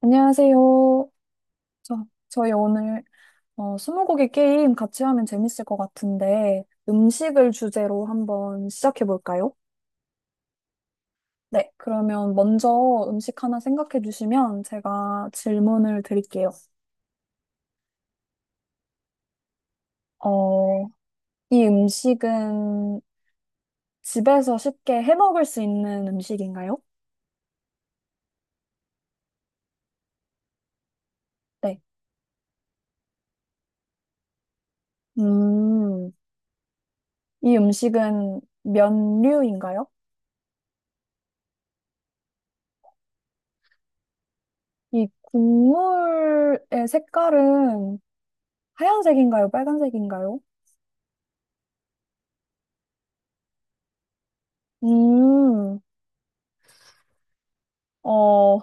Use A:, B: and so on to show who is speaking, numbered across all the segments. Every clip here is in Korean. A: 안녕하세요. 저희 오늘 스무고개 게임 같이 하면 재밌을 것 같은데 음식을 주제로 한번 시작해 볼까요? 네, 그러면 먼저 음식 하나 생각해 주시면 제가 질문을 드릴게요. 어, 이 음식은 집에서 쉽게 해 먹을 수 있는 음식인가요? 네. 음, 이 음식은 면류인가요? 이 국물의 색깔은 하얀색인가요? 빨간색인가요? 음, 어,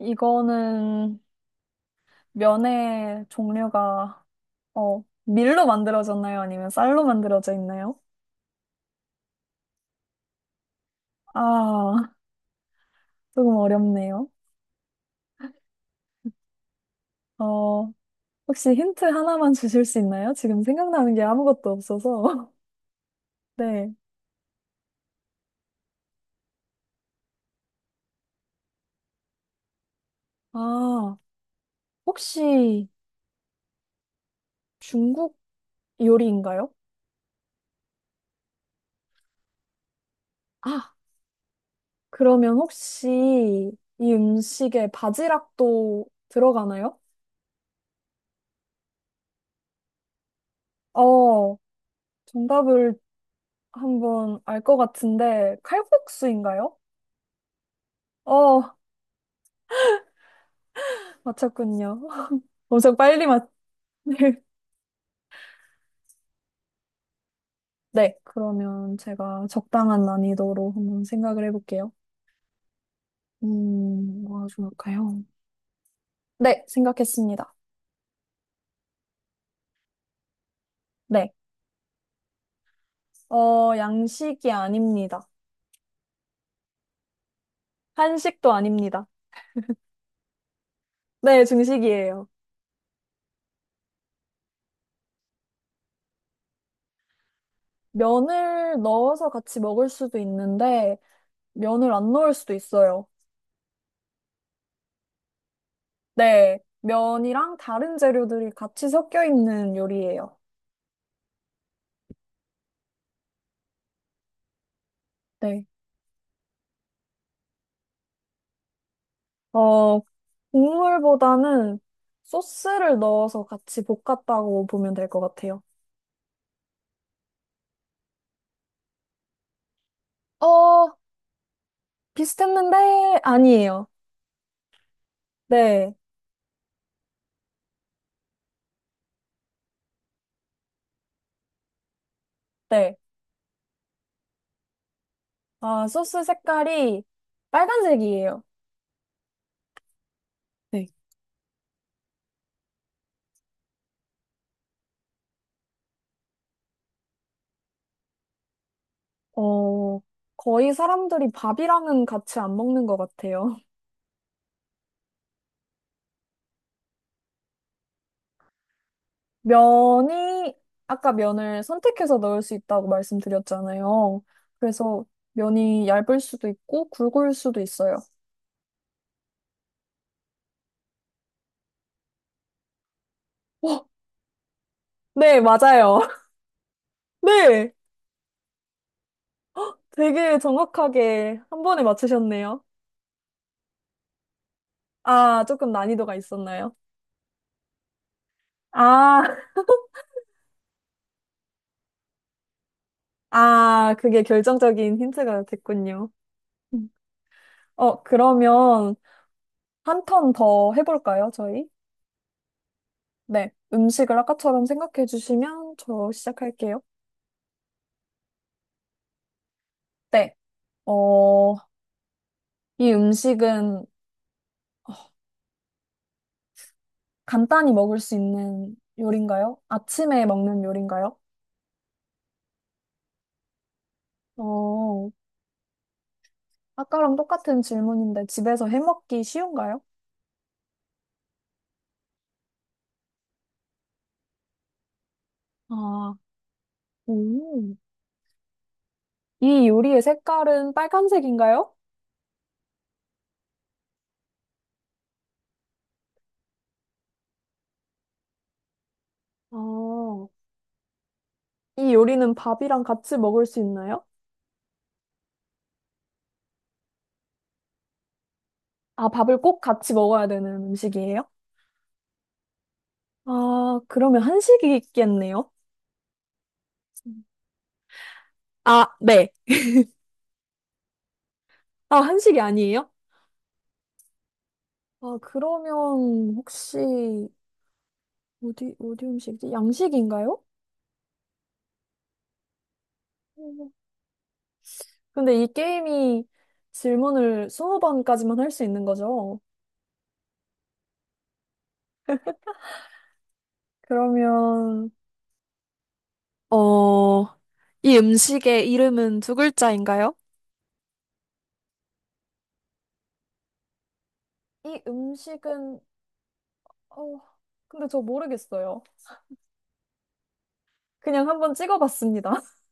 A: 이거는 면의 종류가, 밀로 만들어졌나요? 아니면 쌀로 만들어져 있나요? 아, 조금 어렵네요. 어, 혹시 힌트 하나만 주실 수 있나요? 지금 생각나는 게 아무것도 없어서. 네. 아, 혹시 중국 요리인가요? 아, 그러면 혹시 이 음식에 바지락도 들어가나요? 어, 정답을 한번 알 것 같은데 칼국수인가요? 어, 맞췄군요. 엄청 빨리 맞. 네, 그러면 제가 적당한 난이도로 한번 생각을 해볼게요. 뭐가 좋을까요? 네, 생각했습니다. 네, 양식이 아닙니다. 한식도 아닙니다. 네, 중식이에요. 면을 넣어서 같이 먹을 수도 있는데 면을 안 넣을 수도 있어요. 네, 면이랑 다른 재료들이 같이 섞여 있는 요리예요. 네. 어, 국물보다는 소스를 넣어서 같이 볶았다고 보면 될 것 같아요. 어, 비슷했는데 아니에요. 네, 네. 아, 소스 색깔이 빨간색이에요. 네. 어, 거의 사람들이 밥이랑은 같이 안 먹는 것 같아요. 면이, 아까 면을 선택해서 넣을 수 있다고 말씀드렸잖아요. 그래서 면이 얇을 수도 있고 굵을 수도 있어요. 어, 네, 맞아요. 네. 되게 정확하게 한 번에 맞추셨네요. 아, 조금 난이도가 있었나요? 아, 아, 그게 결정적인 힌트가 됐군요. 음. 그러면 한 턴 더 해볼까요, 저희? 네. 음식을 아까처럼 생각해 주시면 저 시작할게요. 네. 어, 이 음식은 간단히 먹을 수 있는 요리인가요? 아침에 먹는 요리인가요? 어, 아까랑 똑같은 질문인데 집에서 해 먹기 쉬운가요? 아, 오. 이 요리의 색깔은 빨간색인가요? 아, 이 요리는 밥이랑 같이 먹을 수 있나요? 아, 밥을 꼭 같이 먹어야 되는 음식이에요? 아, 그러면 한식이겠네요. 아, 네. 아, 한식이 아니에요? 아, 그러면 혹시 어디 어디 음식이지? 양식인가요? 음. 근데 이 게임이 질문을 20번까지만 할 수 있는 거죠? 그러면 어, 이 음식의 이름은 두 글자인가요? 이 음식은, 어, 근데 저 모르겠어요. 그냥 한번 찍어봤습니다.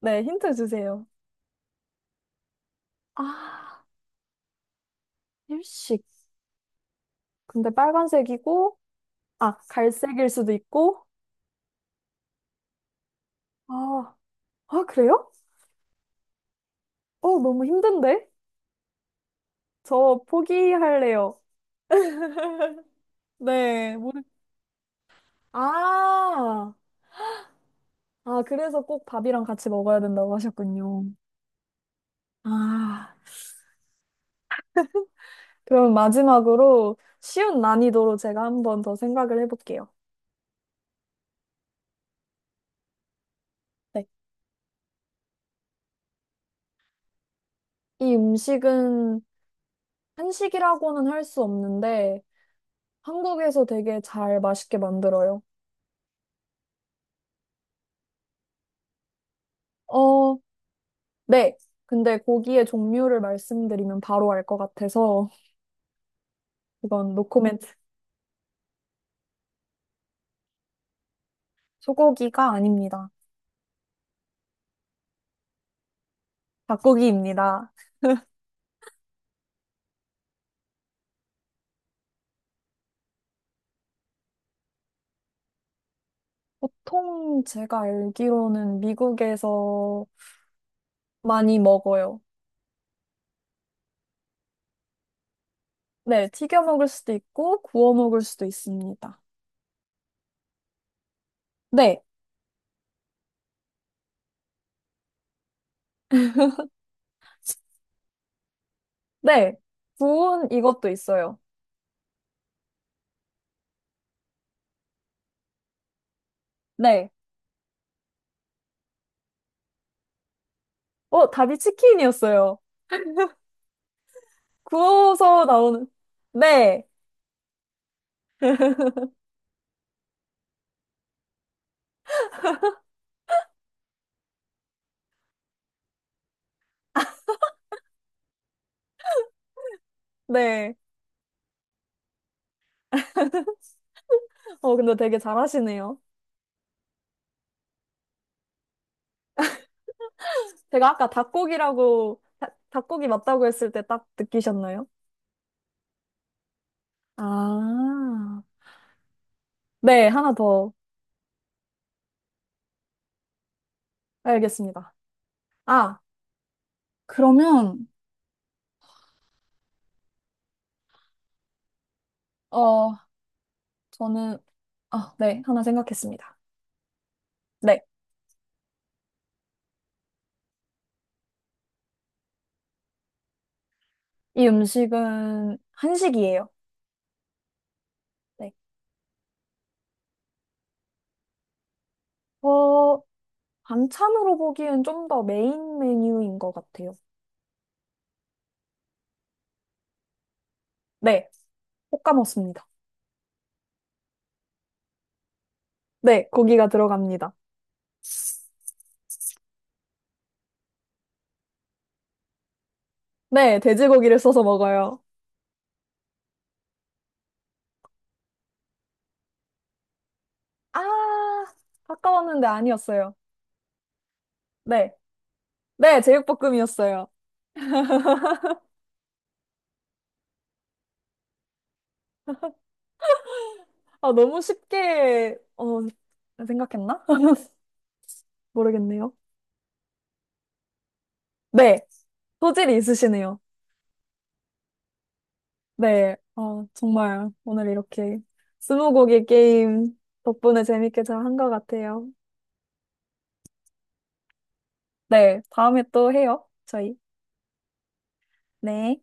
A: 네, 힌트 주세요. 아, 일식. 근데 빨간색이고, 아, 갈색일 수도 있고, 아, 아, 그래요? 어, 너무 힘든데? 저 포기할래요. 네, 모르, 아, 아, 그래서 꼭 밥이랑 같이 먹어야 된다고 하셨군요. 아, 그럼 마지막으로 쉬운 난이도로 제가 한번 더 생각을 해볼게요. 네. 이 음식은 한식이라고는 할 수 없는데 한국에서 되게 잘 맛있게 만들어요. 어, 네. 근데 고기의 종류를 말씀드리면 바로 알 것 같아서 이건 노코멘트. 소고기가 아닙니다. 닭고기입니다. 보통 제가 알기로는 미국에서 많이 먹어요. 네, 튀겨 먹을 수도 있고 구워 먹을 수도 있습니다. 네, 네. 구운 이것도 있어요. 네. 답이 치킨이었어요. 구워서 나오는, 네, 네. 근데 되게 잘하시네요. 제가 아까 닭고기라고, 닭고기 맞다고 했을 때 딱 느끼셨나요? 아, 네, 하나 더 알겠습니다. 아, 그러면, 어, 저는, 아, 네, 하나 생각했습니다. 네, 이 음식은 한식이에요. 네. 어, 반찬으로 보기엔 좀 더 메인 메뉴인 것 같아요. 네, 볶아먹습니다 네, 고기가 들어갑니다. 네, 돼지고기를 써서 먹어요. 아, 아까웠는데 아니었어요. 네, 네, 제육볶음이었어요. 아, 너무 쉽게, 생각했나? 모르겠네요. 네, 소질이 있으시네요. 네, 정말 오늘 이렇게 스무고개 게임 덕분에 재밌게 잘 한 것 같아요. 네, 다음에 또 해요, 저희. 네.